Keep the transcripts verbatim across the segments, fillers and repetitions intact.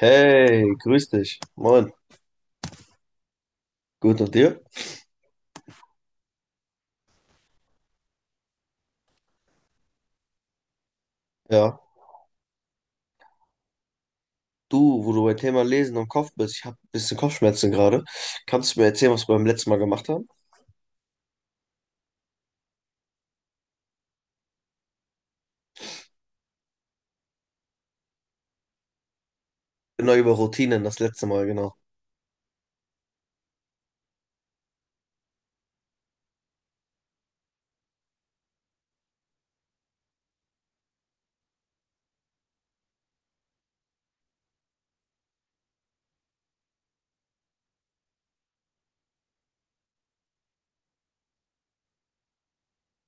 Hey, grüß dich. Moin. Gut und dir? Ja. Du, wo du beim Thema Lesen und Kopf bist, ich habe ein bisschen Kopfschmerzen gerade. Kannst du mir erzählen, was wir beim letzten Mal gemacht haben? Genau, über Routinen, das letzte Mal, genau.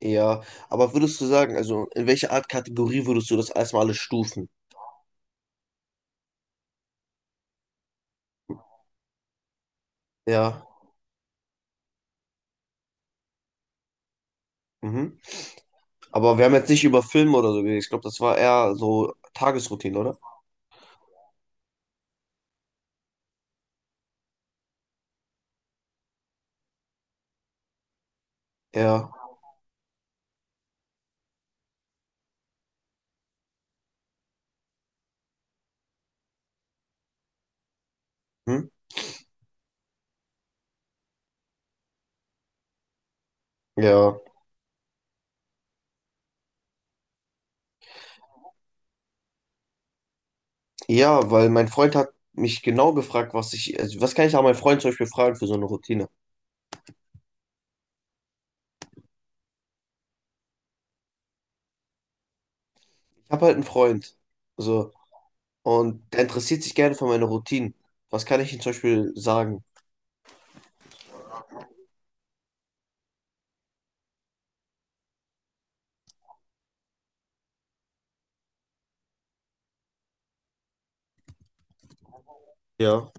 Ja, aber würdest du sagen, also in welche Art Kategorie würdest du das erstmal alles stufen? Ja. Mhm. Aber wir haben jetzt nicht über Filme oder so geredet. Ich glaube, das war eher so Tagesroutine, oder? Ja. Hm? Ja. Ja, weil mein Freund hat mich genau gefragt, was ich, also was kann ich auch meinen Freund zum Beispiel fragen für so eine Routine? Ich habe halt einen Freund, so, und der interessiert sich gerne für meine Routinen. Was kann ich ihm zum Beispiel sagen? Ja,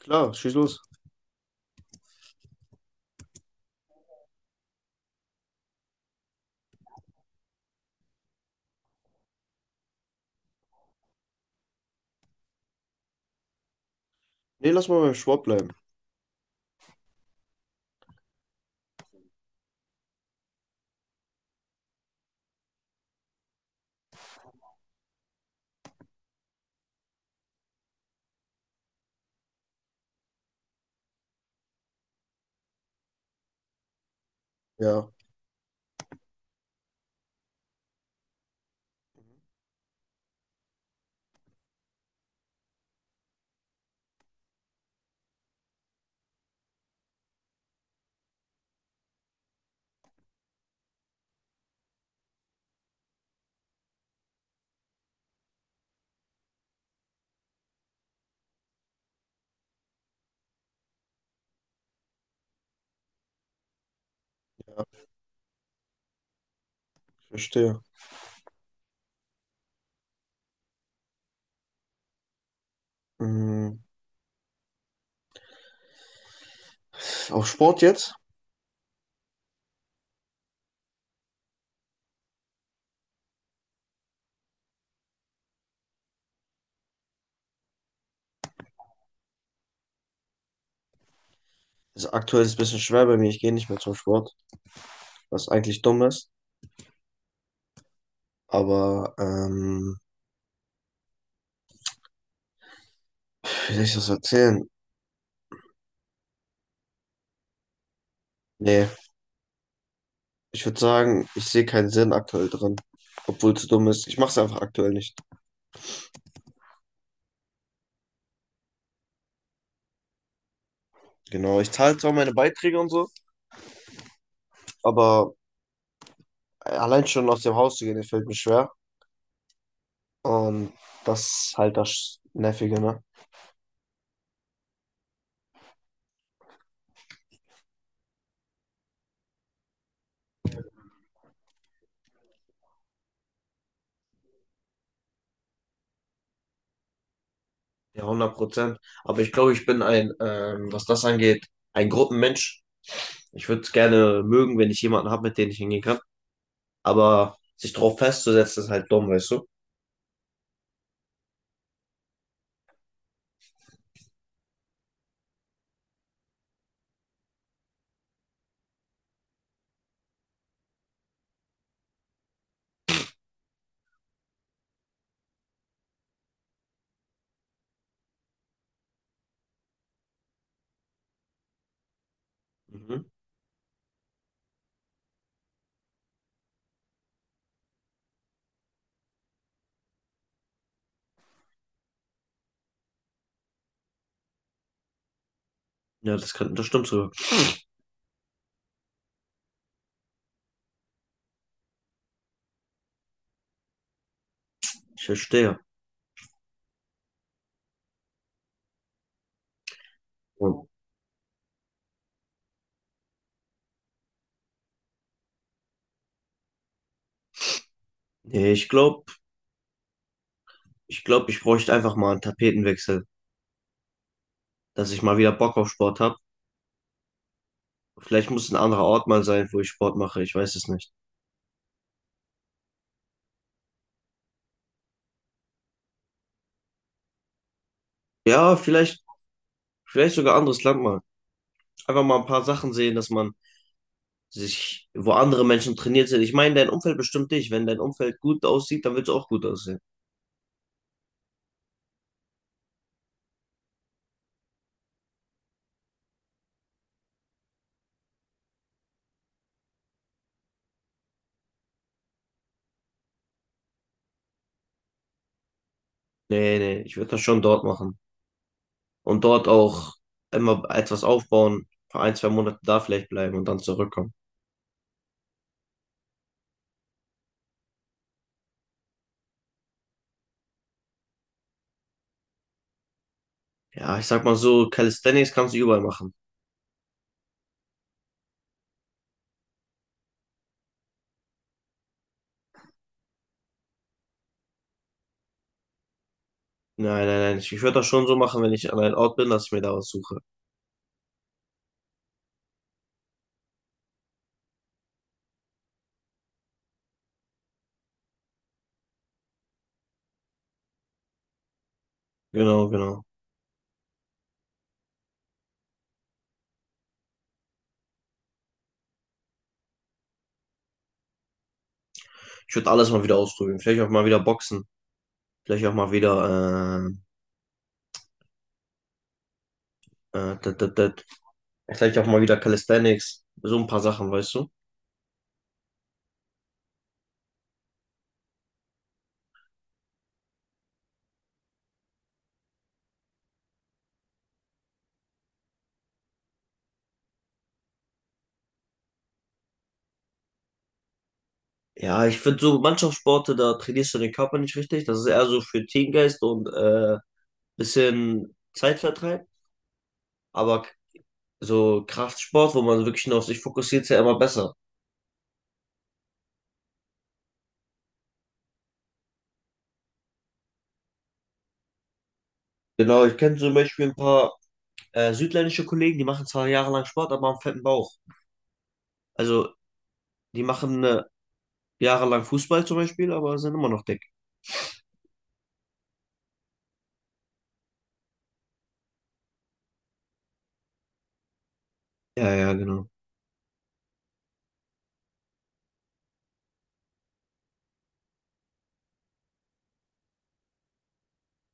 klar, schieß los. Nee, lass mal beim Sport bleiben. Ja, ich verstehe. Mhm. Auf Sport jetzt? Also aktuell ist es ein bisschen schwer bei mir, ich gehe nicht mehr zum Sport, was eigentlich dumm ist. Aber, ähm, wie soll ich das erzählen? Nee, ich würde sagen, ich sehe keinen Sinn aktuell drin, obwohl es dumm ist. Ich mache es einfach aktuell nicht. Genau, ich zahle zwar meine Beiträge und so, aber allein schon aus dem Haus zu gehen, das fällt mir schwer. Und das ist halt das Nervige, ne? Ja, hundert Prozent. Aber ich glaube, ich bin ein, ähm, was das angeht, ein Gruppenmensch. Ich würde es gerne mögen, wenn ich jemanden habe, mit dem ich hingehen kann. Aber sich drauf festzusetzen, ist halt dumm, weißt du? Mhm. Ja, das kann, das stimmt so. Ich verstehe. Und, nee, ich glaube, ich glaube, ich bräuchte einfach mal einen Tapetenwechsel, dass ich mal wieder Bock auf Sport habe. Vielleicht muss ein anderer Ort mal sein, wo ich Sport mache. Ich weiß es nicht. Ja, vielleicht, vielleicht sogar anderes Land mal. Einfach mal ein paar Sachen sehen, dass man sich, wo andere Menschen trainiert sind. Ich meine, dein Umfeld bestimmt dich. Wenn dein Umfeld gut aussieht, dann willst du auch gut aussehen. Nee, nee, ich würde das schon dort machen. Und dort auch immer etwas aufbauen, für ein, zwei Monate da vielleicht bleiben und dann zurückkommen. Ja, ich sag mal so, Calisthenics kannst du überall machen. Nein, nein, nein. Ich würde das schon so machen, wenn ich an einem Ort bin, dass ich mir da was suche. Genau, genau. Ich würde alles mal wieder ausprobieren. Vielleicht auch mal wieder Boxen. Vielleicht auch mal wieder, äh, äh, dat, dat, dat. Vielleicht auch mal wieder Calisthenics, so ein paar Sachen, weißt du? Ja, ich finde so Mannschaftssporte, da trainierst du den Körper nicht richtig. Das ist eher so für Teamgeist und äh, bisschen Zeitvertreib. Aber k- so Kraftsport, wo man wirklich nur auf sich fokussiert, ist ja immer besser. Genau, ich kenne zum Beispiel ein paar äh, südländische Kollegen, die machen zwar jahrelang Sport, aber haben fetten Bauch. Also die machen äh, jahrelang Fußball zum Beispiel, aber sind immer noch dick. Ja, ja, genau.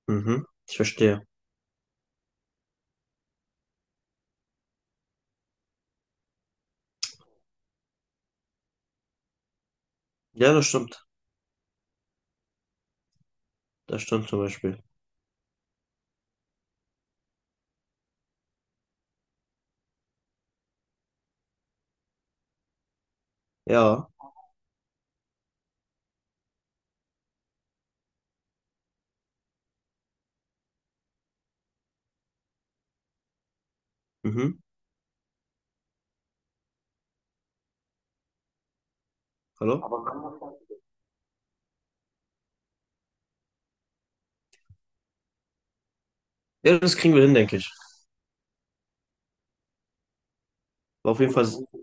Mhm, ich verstehe. Ja, das stimmt. Das stimmt zum Beispiel. Ja. Mhm. Hallo? Aber wenn man das. Ja, das kriegen wir hin, denke ich. War auf jeden gut Fall, dann.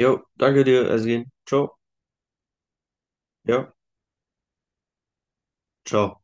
Jo, danke dir, Ersin. Ciao. Ja, ciao.